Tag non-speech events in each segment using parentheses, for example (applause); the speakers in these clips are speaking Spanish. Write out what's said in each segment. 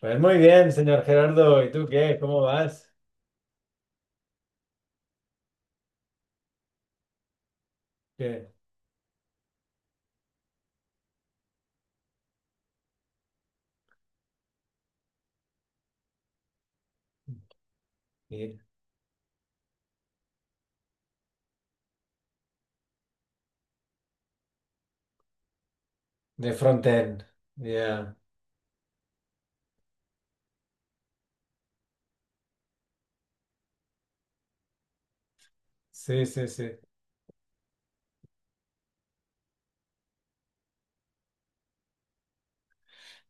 Pues muy bien, señor Gerardo. ¿Y tú qué? ¿Cómo vas? ¿Qué? Y- De frontend. Ya. Sí, sí, sí.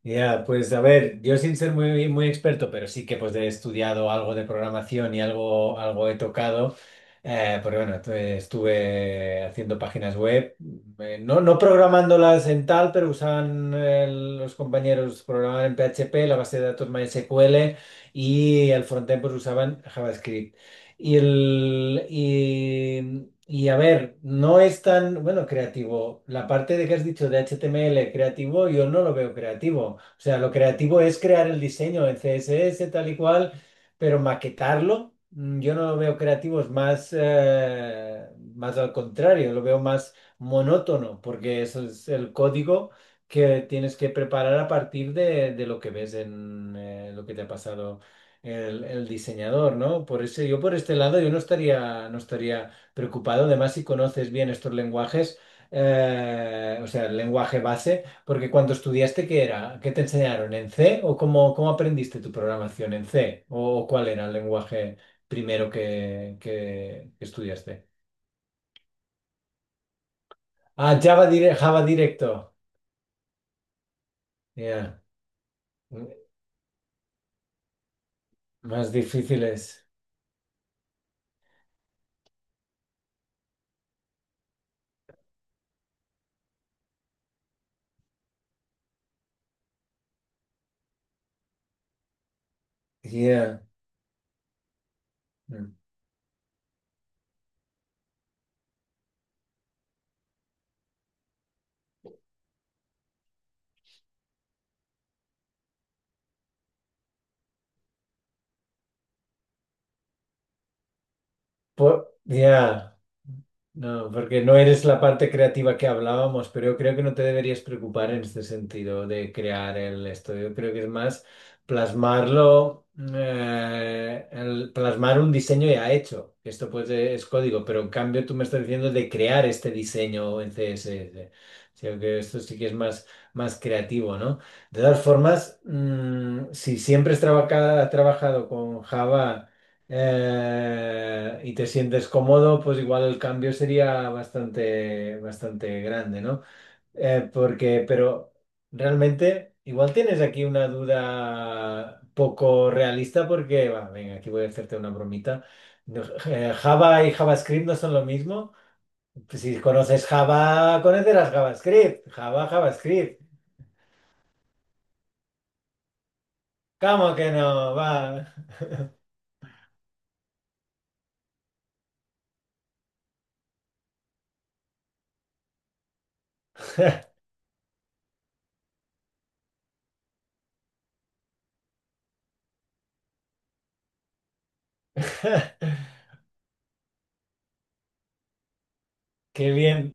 Ya, pues a ver, yo sin ser muy, muy experto, pero sí que pues he estudiado algo de programación y algo, algo he tocado. Porque bueno, estuve haciendo páginas web, no, no programándolas en tal, pero usaban los compañeros programaban en PHP, la base de datos MySQL y el frontend pues usaban JavaScript. Y a ver, no es tan, bueno, creativo. La parte de que has dicho de HTML creativo, yo no lo veo creativo. O sea, lo creativo es crear el diseño en CSS tal y cual, pero maquetarlo, yo no lo veo creativo, es más, más al contrario, lo veo más monótono, porque eso es el código que tienes que preparar a partir de lo que ves en lo que te ha pasado el diseñador, ¿no? Por ese, yo por este lado yo no estaría preocupado. Además, si conoces bien estos lenguajes, o sea, el lenguaje base, porque cuando estudiaste, ¿qué era? ¿Qué te enseñaron? ¿En C? ¿O cómo aprendiste tu programación en C? ¿O cuál era el lenguaje primero que estudiaste? Ah, Java, Java directo. Ya. Más difíciles. Ya. Ya, no, porque no eres la parte creativa que hablábamos, pero yo creo que no te deberías preocupar en este sentido de crear el estudio. Yo creo que es más plasmarlo, plasmar un diseño ya hecho. Esto pues es código, pero en cambio tú me estás diciendo de crear este diseño en CSS. O sea, que esto sí que es más, más creativo, ¿no? De todas formas, si siempre has trabajado con Java y te sientes cómodo, pues igual el cambio sería bastante, bastante grande, ¿no? Porque pero realmente, igual tienes aquí una duda poco realista porque, va, venga, aquí voy a hacerte una bromita. No, Java y JavaScript no son lo mismo. Pues si conoces Java, conocerás JavaScript. Java, JavaScript. ¿Cómo que no? Va. (laughs) Qué bien.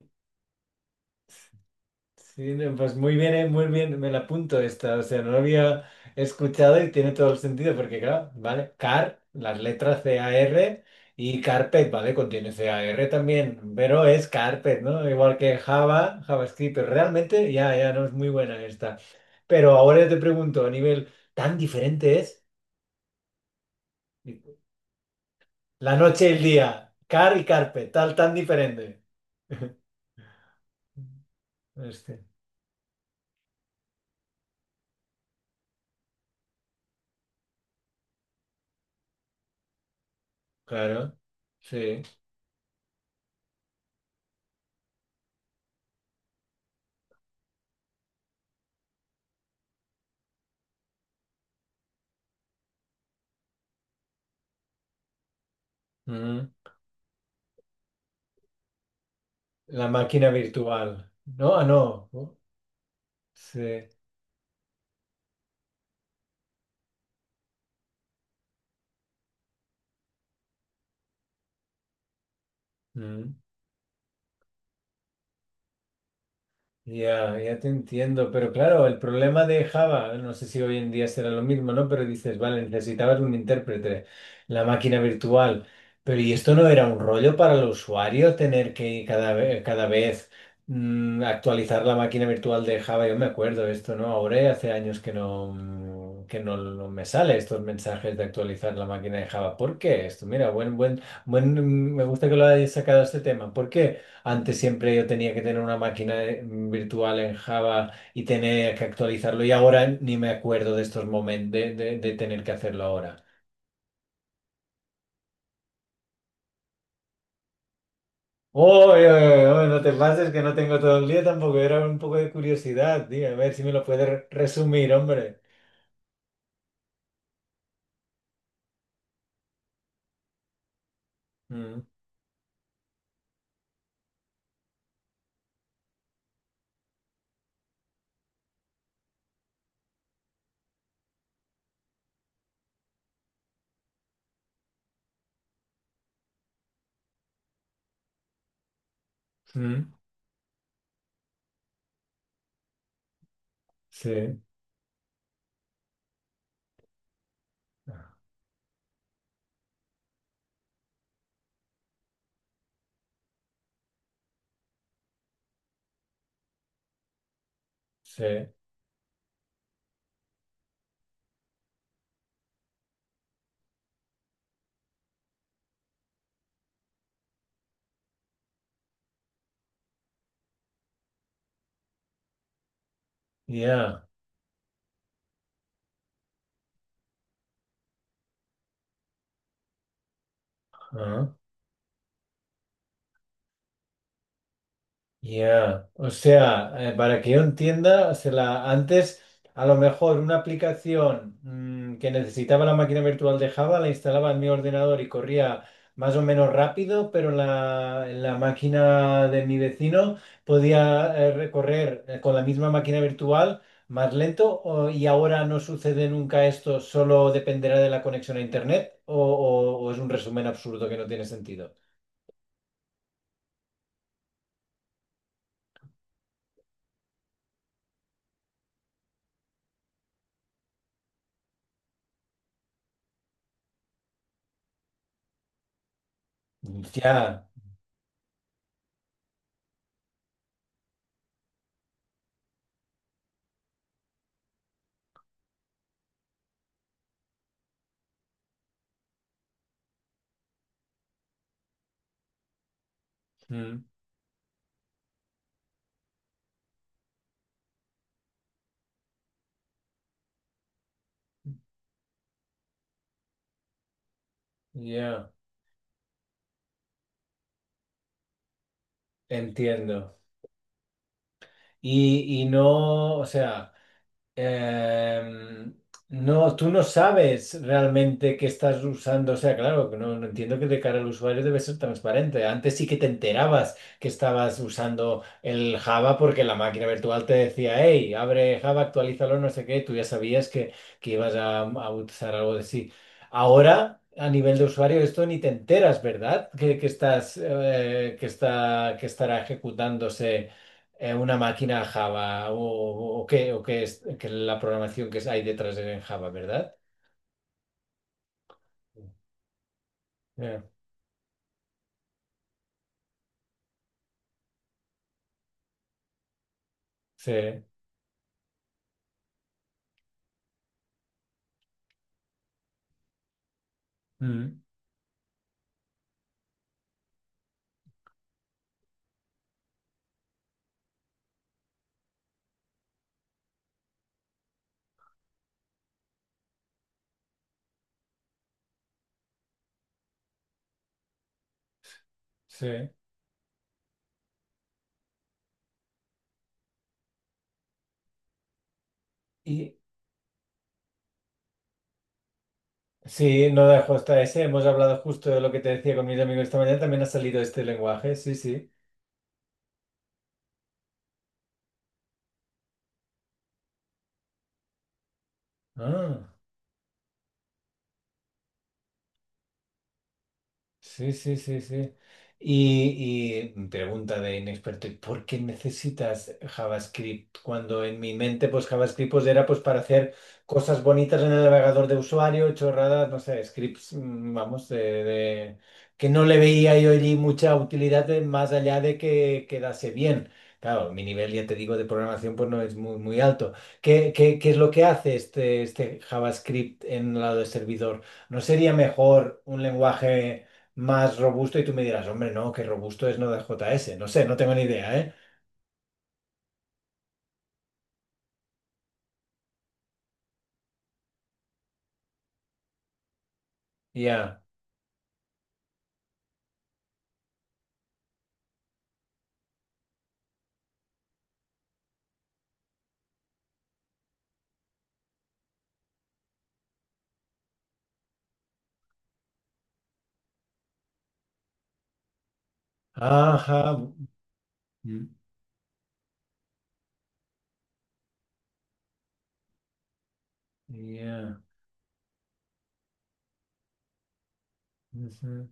Sí, no, pues muy bien, me la apunto esta, o sea, no lo había escuchado y tiene todo el sentido, porque claro, ¿vale? Car, las letras car y carpet, ¿vale? Contiene car también, pero es carpet, ¿no? Igual que Java, JavaScript, pero realmente ya, ya no es muy buena esta. Pero ahora yo te pregunto, a nivel tan diferente es la noche y el día, car y carpet, tal, tan diferente. Este, claro, sí. Mm. La máquina virtual. No, ah, no. ¿No? Sí. Mm. Ya, ya te entiendo, pero claro, el problema de Java, no sé si hoy en día será lo mismo, ¿no? Pero dices, vale, necesitabas un intérprete, la máquina virtual, pero ¿y esto no era un rollo para el usuario tener que cada vez actualizar la máquina virtual de Java? Yo me acuerdo esto, ¿no? Ahora ya hace años que no, no me sale estos mensajes de actualizar la máquina de Java. ¿Por qué esto? Mira, me gusta que lo hayas sacado este tema. ¿Por qué? Antes siempre yo tenía que tener una máquina virtual en Java y tenía que actualizarlo y ahora ni me acuerdo de estos momentos de tener que hacerlo ahora. Oye, oye, oye, no te pases que no tengo todo el día tampoco, era un poco de curiosidad, tío, a ver si me lo puedes resumir, hombre. Mm, mm, sí, sí, ya. Ah. Ya, o sea, para que yo entienda, antes a lo mejor una aplicación que necesitaba la máquina virtual de Java la instalaba en mi ordenador y corría más o menos rápido, pero en la máquina de mi vecino podía recorrer con la misma máquina virtual más lento y ahora no sucede nunca esto, solo dependerá de la conexión a Internet o es un resumen absurdo que no tiene sentido. Ya, mm, ya. Entiendo. Y no, o sea, em, no, tú no sabes realmente qué estás usando. O sea, claro, que no, no entiendo que de cara al usuario debe ser transparente. Antes sí que te enterabas que estabas usando el Java porque la máquina virtual te decía, hey, abre Java, actualízalo, no sé qué. Tú ya sabías que ibas a usar algo de sí. Ahora, a nivel de usuario, esto ni te enteras, ¿verdad? Que estás, que está, que estará ejecutándose una máquina Java o qué es la programación que hay detrás de en Java, ¿verdad? Ya, sí, mm, sí. Y sí, no de hasta ese. Hemos hablado justo de lo que te decía con mis amigos esta mañana. También ha salido este lenguaje. Sí, sí. Ah. Sí, sí, sí, sí. Y pregunta de inexperto, ¿y por qué necesitas JavaScript? Cuando en mi mente, pues JavaScript pues, era pues para hacer cosas bonitas en el navegador de usuario, chorradas, no sé, scripts, vamos, de- que no le veía yo allí mucha utilidad más allá de que quedase bien. Claro, mi nivel, ya te digo, de programación pues no es muy, muy alto. ¿Qué es lo que hace este JavaScript en el lado del servidor? ¿No sería mejor un lenguaje más robusto y tú me dirás, hombre, no, que robusto es no de JS? No sé, no tengo ni idea, ¿eh? Ya. Ajá. Mm, ya. Ujú.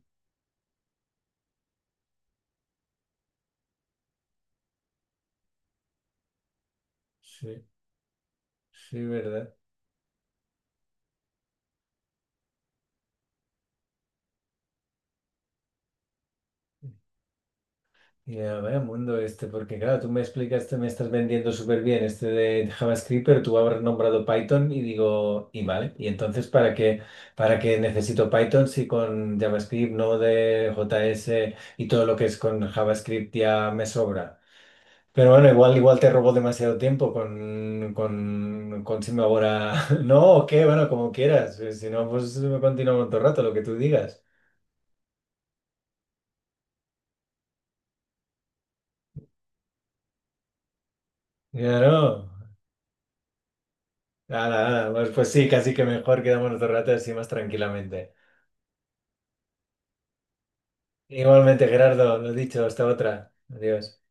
Sí, sí, ¿verdad? Ya, vaya mundo este, porque claro, tú me explicas, te me estás vendiendo súper bien este de JavaScript, pero tú habrás nombrado Python y digo, y vale, y entonces ¿para qué, necesito Python si con JavaScript, Node, JS y todo lo que es con JavaScript ya me sobra? Pero bueno, igual te robó demasiado tiempo con, Simba ahora. (laughs) No, o qué, bueno, como quieras. Si no, pues continuamos otro rato, lo que tú digas. Ya no. Nada, nada. Pues sí, casi que mejor quedamos otro rato así más tranquilamente. Igualmente, Gerardo, lo dicho, hasta otra. Adiós.